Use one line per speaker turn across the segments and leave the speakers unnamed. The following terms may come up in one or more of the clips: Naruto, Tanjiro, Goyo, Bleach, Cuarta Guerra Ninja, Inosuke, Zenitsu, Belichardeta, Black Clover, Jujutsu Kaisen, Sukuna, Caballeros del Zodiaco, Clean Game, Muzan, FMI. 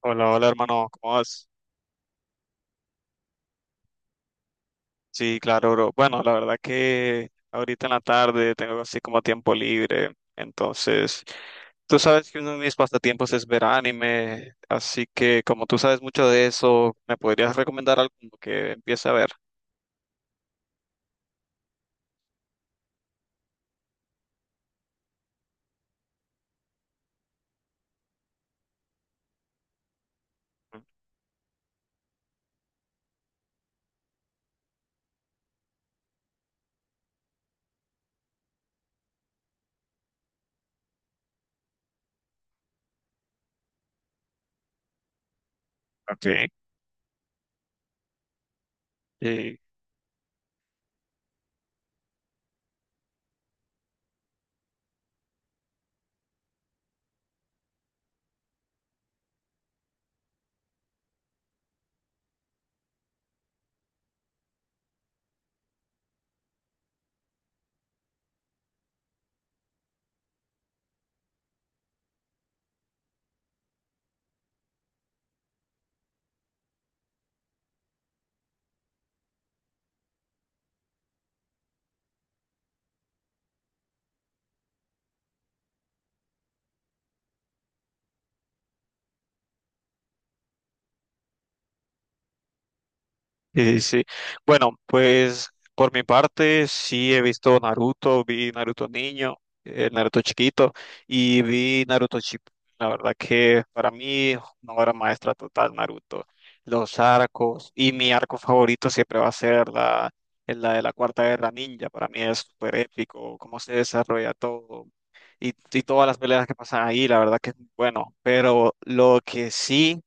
Hola, hola hermano, ¿cómo vas? Sí, claro, bro. Bueno, la verdad que ahorita en la tarde tengo así como tiempo libre, entonces tú sabes que uno de mis pasatiempos es ver anime, así que como tú sabes mucho de eso, ¿me podrías recomendar algo como que empiece a ver? Ok. Sí, sí. Bueno, pues por mi parte sí he visto Naruto, vi Naruto niño, Naruto chiquito y vi Naruto Chip. La verdad que para mí una obra maestra total Naruto. Los arcos y mi arco favorito siempre va a ser la de la Cuarta Guerra Ninja. Para mí es súper épico cómo se desarrolla todo y todas las peleas que pasan ahí, la verdad que es muy bueno. Pero lo que sí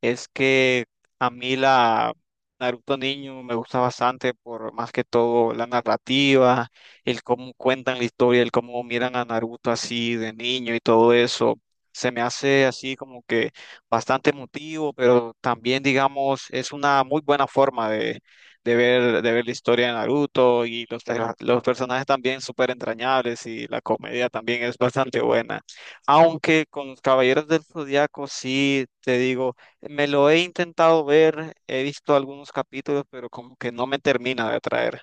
es que a mí la Naruto niño me gusta bastante por más que todo la narrativa, el cómo cuentan la historia, el cómo miran a Naruto así de niño y todo eso. Se me hace así como que bastante emotivo, pero también digamos es una muy buena forma de ver la historia de Naruto y los personajes también súper entrañables y la comedia también es bastante buena. Aunque con los Caballeros del Zodiaco sí te digo me lo he intentado ver, he visto algunos capítulos, pero como que no me termina de atraer.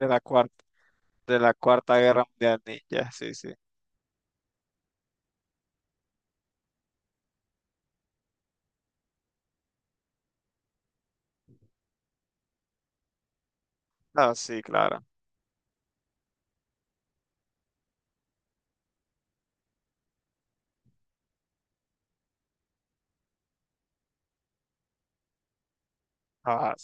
de la cuarta, de la Cuarta Guerra Mundial. Ya, sí, sí. Ah, sí, claro. Ah,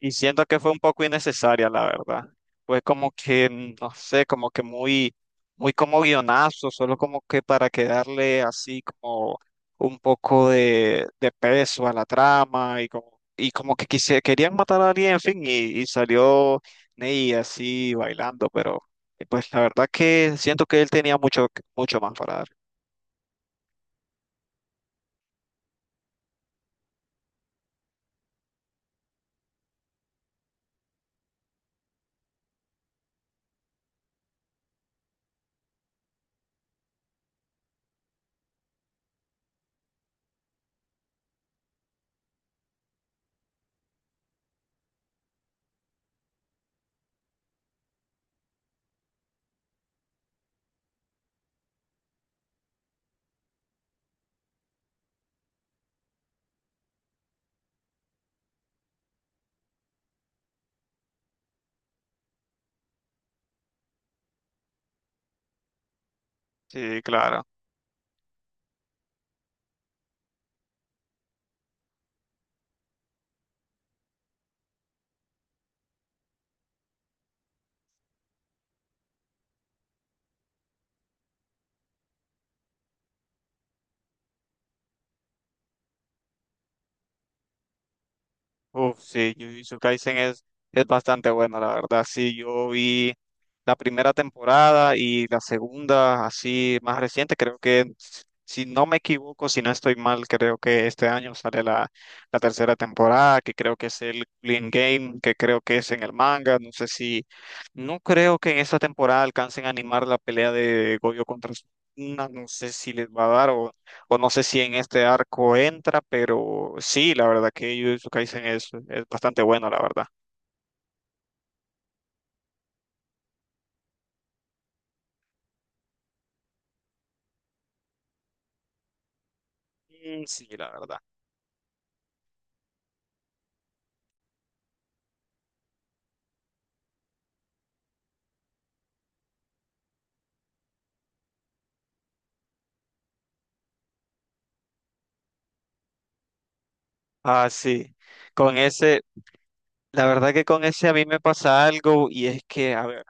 y siento que fue un poco innecesaria, la verdad. Fue como que, no sé, como que muy, muy como guionazo, solo como que para quedarle así como un poco de peso a la trama y como que querían matar a alguien, en fin, y salió Ney así bailando, pero pues la verdad que siento que él tenía mucho, mucho más para dar. Sí, claro. Uf, sí, Jujutsu Kaisen es bastante bueno, la verdad. Sí, yo vi la primera temporada y la segunda, así más reciente, creo que, si no me equivoco, si no estoy mal, creo que este año sale la tercera temporada, que creo que es el Clean Game, que creo que es en el manga. No sé si, no creo que en esta temporada alcancen a animar la pelea de Goyo contra Sukuna, no sé si les va a dar o no sé si en este arco entra, pero sí, la verdad que Jujutsu Kaisen es bastante bueno, la verdad. Mm, sí, la verdad. Ah, sí. Con ese, la verdad que con ese a mí me pasa algo y es que, a ver,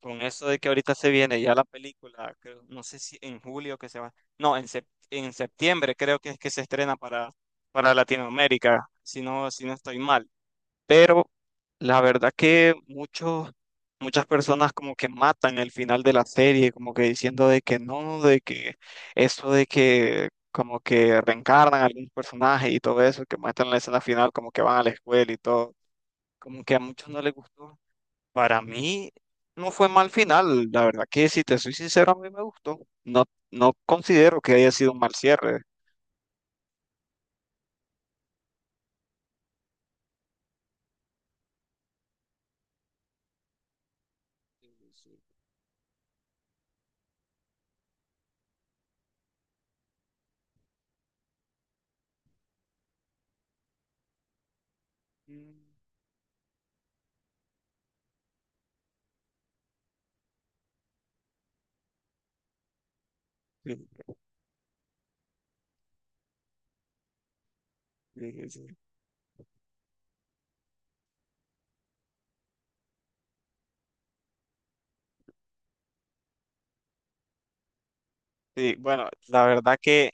con eso de que ahorita se viene ya la película, no sé si en julio que se va, no, en, en septiembre creo que es que se estrena para Latinoamérica, si no, estoy mal. Pero la verdad que muchas personas como que matan el final de la serie, como que diciendo de que no, de que eso de que como que reencarnan a algún personaje y todo eso, que muestran la escena final como que van a la escuela y todo, como que a muchos no les gustó. Para mí no fue mal final, la verdad que si te soy sincero, a mí me gustó. No, no considero que haya sido un mal cierre. Sí, sí, sí. Sí, sí, sí. Sí, bueno, la verdad que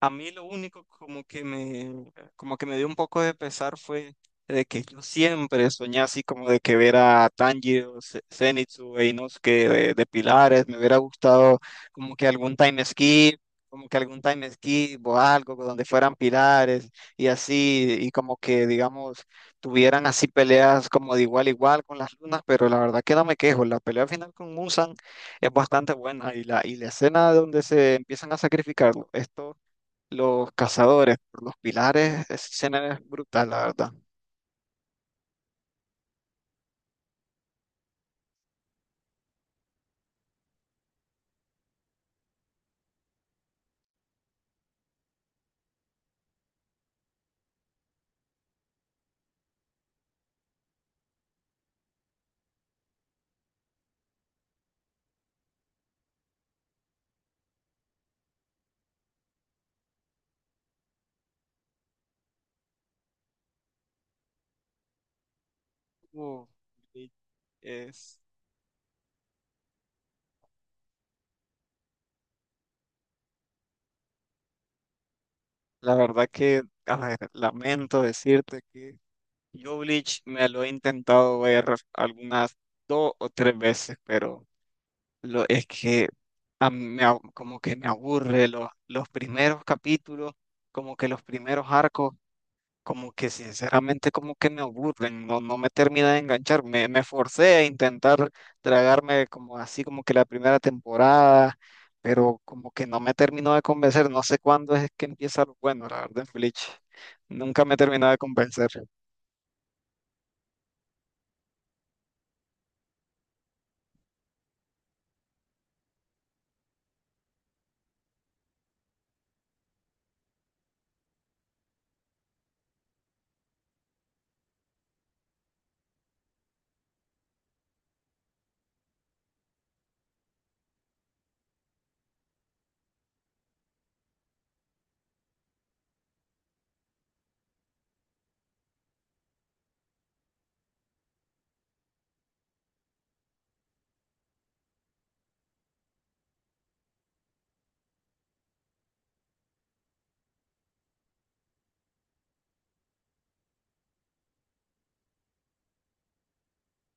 a mí lo único como que me dio un poco de pesar fue de que yo siempre soñé así como de que ver a Tanjiro, Zenitsu e Inosuke de pilares, me hubiera gustado como que algún time skip, como que algún time skip o algo donde fueran pilares y así, y como que digamos tuvieran así peleas como de igual a igual con las lunas, pero la verdad que no me quejo, la pelea final con Muzan es bastante buena y la escena donde se empiezan a sacrificar, esto, los cazadores por los pilares, esa escena es brutal, la verdad. Uh, y es, la verdad que, a ver, lamento decirte que yo Bleach me lo he intentado ver algunas dos o tres veces, pero es que a mí como que me aburre los primeros capítulos, como que los primeros arcos. Como que sinceramente como que me aburren, no, no me termina de enganchar, me forcé a intentar tragarme como así como que la primera temporada, pero como que no me terminó de convencer, no sé cuándo es que empieza lo bueno, la verdad, Bleach, nunca me terminó de convencer.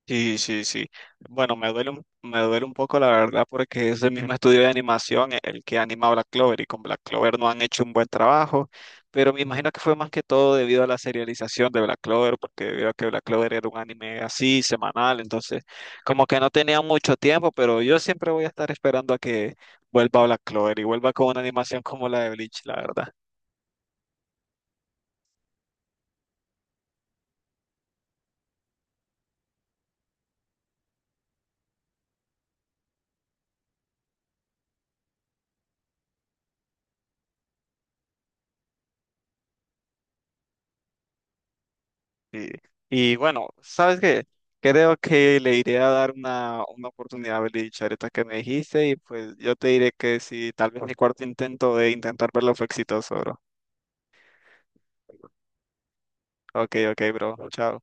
Sí, sí, sí. Bueno, me duele un poco la verdad porque es el mismo estudio de animación el que anima a Black Clover y con Black Clover no han hecho un buen trabajo, pero me imagino que fue más que todo debido a la serialización de Black Clover, porque debido a que Black Clover era un anime así, semanal, entonces como que no tenía mucho tiempo, pero yo siempre voy a estar esperando a que vuelva Black Clover y vuelva con una animación como la de Bleach, la verdad. Sí. Y bueno, ¿sabes qué? Creo que le iré a dar una oportunidad a Belichardeta que me dijiste y pues yo te diré que si tal vez mi cuarto intento de intentar verlo fue exitoso, bro. Ok, ok, bro. Chao.